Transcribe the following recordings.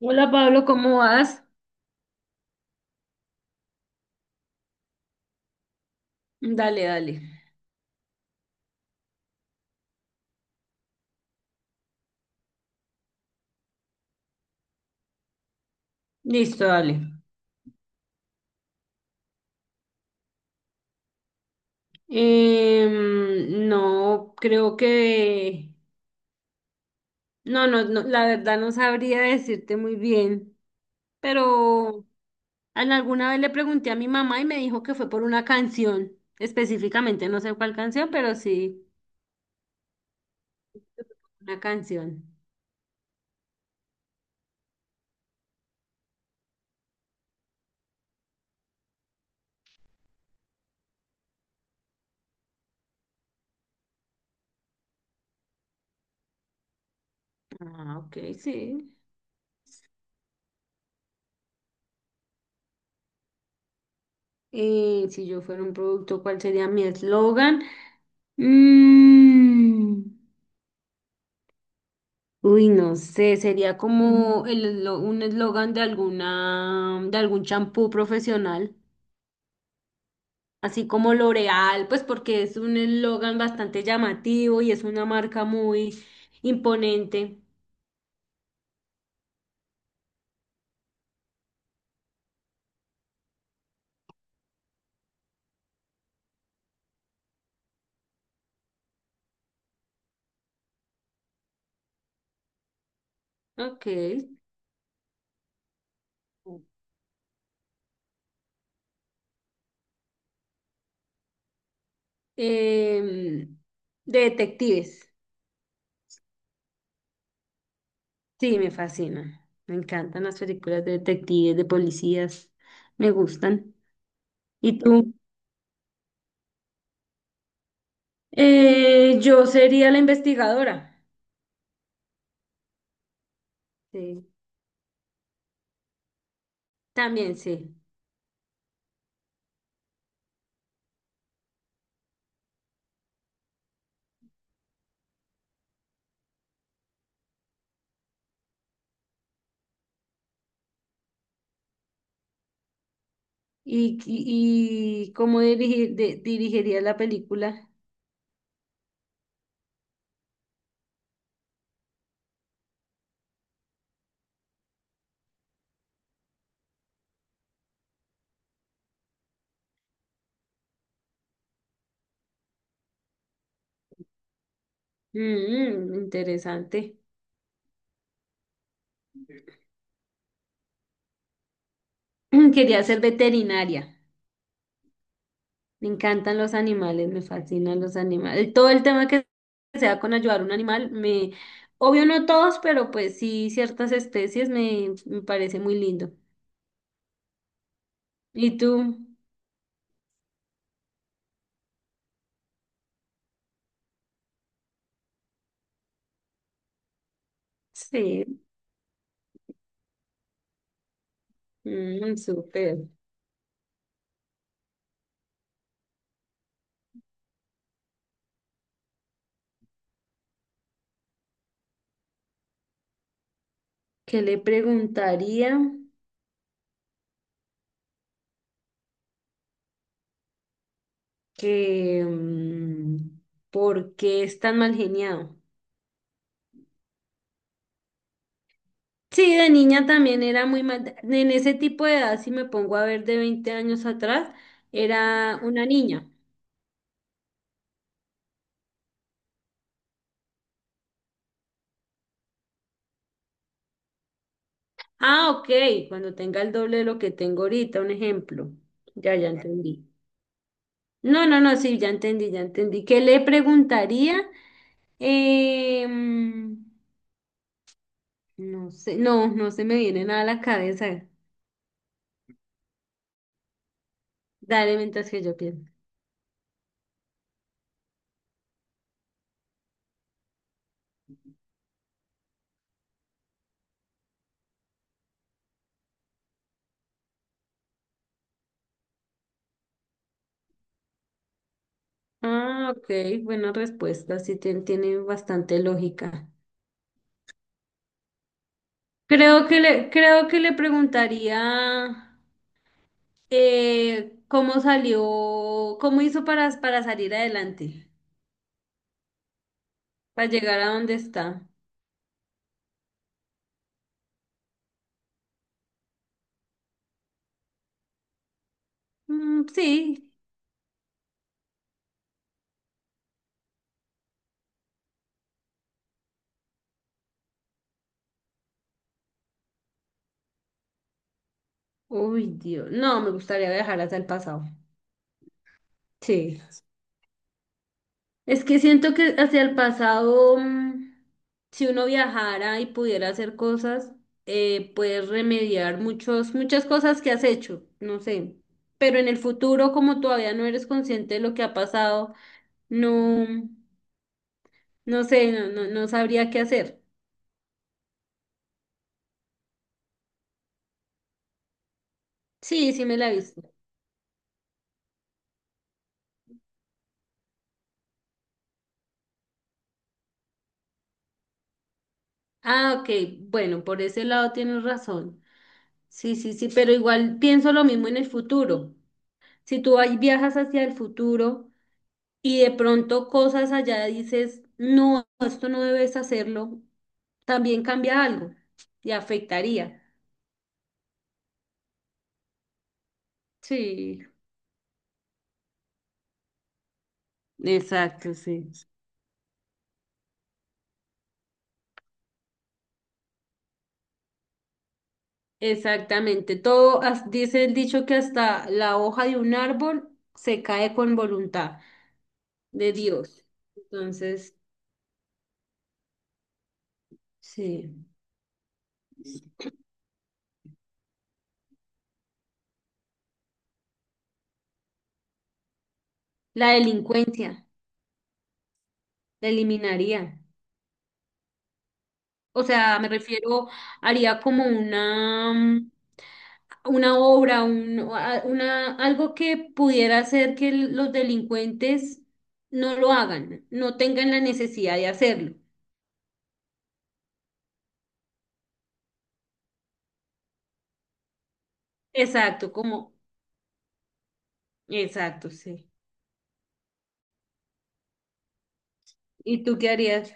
Hola Pablo, ¿cómo vas? Dale, dale. Listo, dale. No, creo que... No, no, no, la verdad no sabría decirte muy bien, pero en alguna vez le pregunté a mi mamá y me dijo que fue por una canción, específicamente, no sé cuál canción, pero sí, una canción. Ah, ok, sí. Si yo fuera un producto, ¿cuál sería mi eslogan? Mm. Uy, no sé, sería como un eslogan de alguna, de algún champú profesional, así como L'Oreal, pues porque es un eslogan bastante llamativo y es una marca muy imponente. Ok. Em, de detectives, sí, me fascina. Me encantan las películas de detectives, de policías, me gustan. ¿Y tú? Yo sería la investigadora. Sí, también sí. ¿Y cómo dirigiría la película? Mm, interesante. Quería ser veterinaria. Me encantan los animales, me fascinan los animales. Todo el tema que sea con ayudar a un animal, me, obvio no todos, pero pues sí ciertas especies me, me parece muy lindo. ¿Y tú? Sí, mm, súper. ¿Qué le preguntaría? Que, mm, ¿por qué es tan mal geniado? Sí, de niña también era muy mal. En ese tipo de edad, si me pongo a ver de 20 años atrás, era una niña. Ah, ok, cuando tenga el doble de lo que tengo ahorita, un ejemplo. Ya, ya entendí. No, no, no, sí, ya entendí, ya entendí. ¿Qué le preguntaría? Eh, mm, no sé, no, no se me viene nada a la cabeza. Dale mientras que yo pienso. Ah, ok, buena respuesta, sí tiene bastante lógica. Creo que le preguntaría. ¿Cómo salió? ¿Cómo hizo para salir adelante? Para llegar a donde está. Mm, sí. Uy, Dios. No, me gustaría viajar hacia el pasado. Sí. Es que siento que hacia el pasado, mm, si uno viajara y pudiera hacer cosas, puedes remediar muchas cosas que has hecho, no sé. Pero en el futuro, como todavía no eres consciente de lo que ha pasado, no, no sé, no sabría qué hacer. Sí, sí me la he visto. Ah, ok. Bueno, por ese lado tienes razón. Sí, sí, sí, pero igual pienso lo mismo en el futuro. Si tú ahí viajas hacia el futuro y de pronto cosas allá dices, no, esto no debes hacerlo, también cambia algo y afectaría. Sí, exacto, sí. Exactamente. Todo, dice el dicho que hasta la hoja de un árbol se cae con voluntad de Dios. Entonces, sí. La delincuencia. La eliminaría. O sea, me refiero, haría como una, mm, una obra, un, una, algo que pudiera hacer que los delincuentes no lo hagan, no tengan la necesidad de hacerlo. Exacto, como, exacto, sí. ¿Y tú qué harías?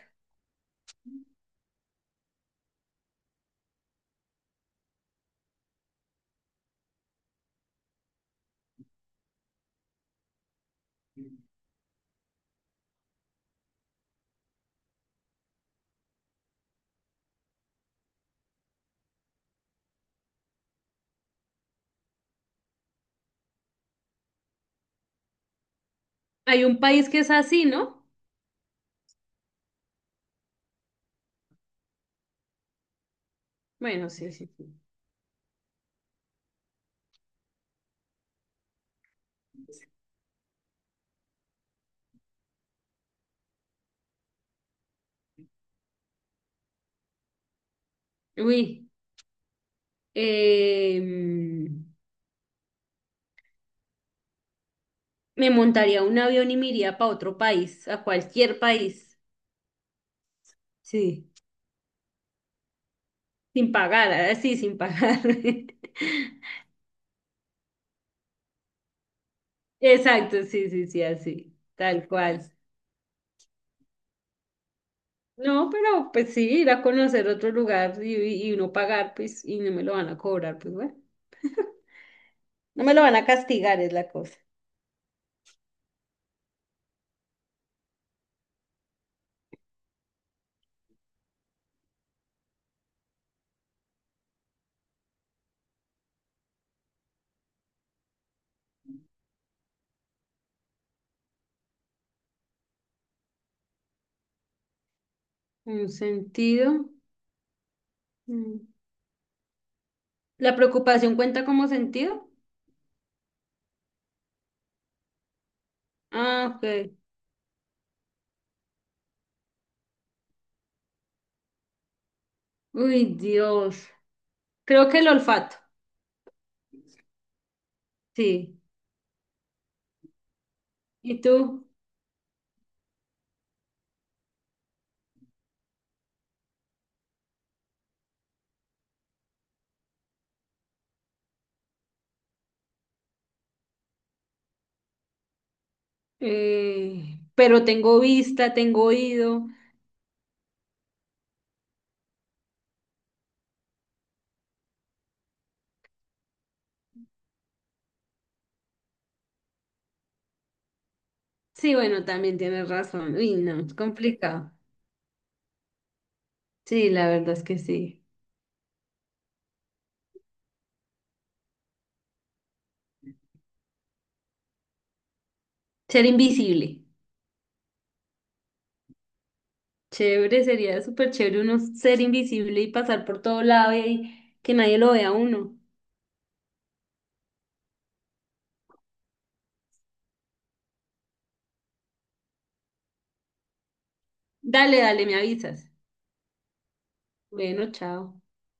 Hay un país que es así, ¿no? Bueno, sí, sí, sí. Uy, eh, mm, Me montaría un avión y me iría para otro país, a cualquier país. Sí. Sin pagar, así, sin pagar. Exacto, sí, sí, sí, así, tal cual. No, pero pues sí, ir a conocer otro lugar y uno pagar, pues, y no me lo van a cobrar, pues bueno. No me lo van a castigar, es la cosa. Un sentido. Mm. ¿La preocupación cuenta como sentido? Ah, ok. Uy, Dios. Creo que el olfato, sí. ¿Y tú? Pero tengo vista, tengo oído. Sí, bueno, también tienes razón. Uy, no, es complicado. Sí, la verdad es que sí. Ser invisible. Chévere, sería súper chévere uno ser invisible y pasar por todo lado y que nadie lo vea a uno. Dale, dale, me avisas. Bueno, chao.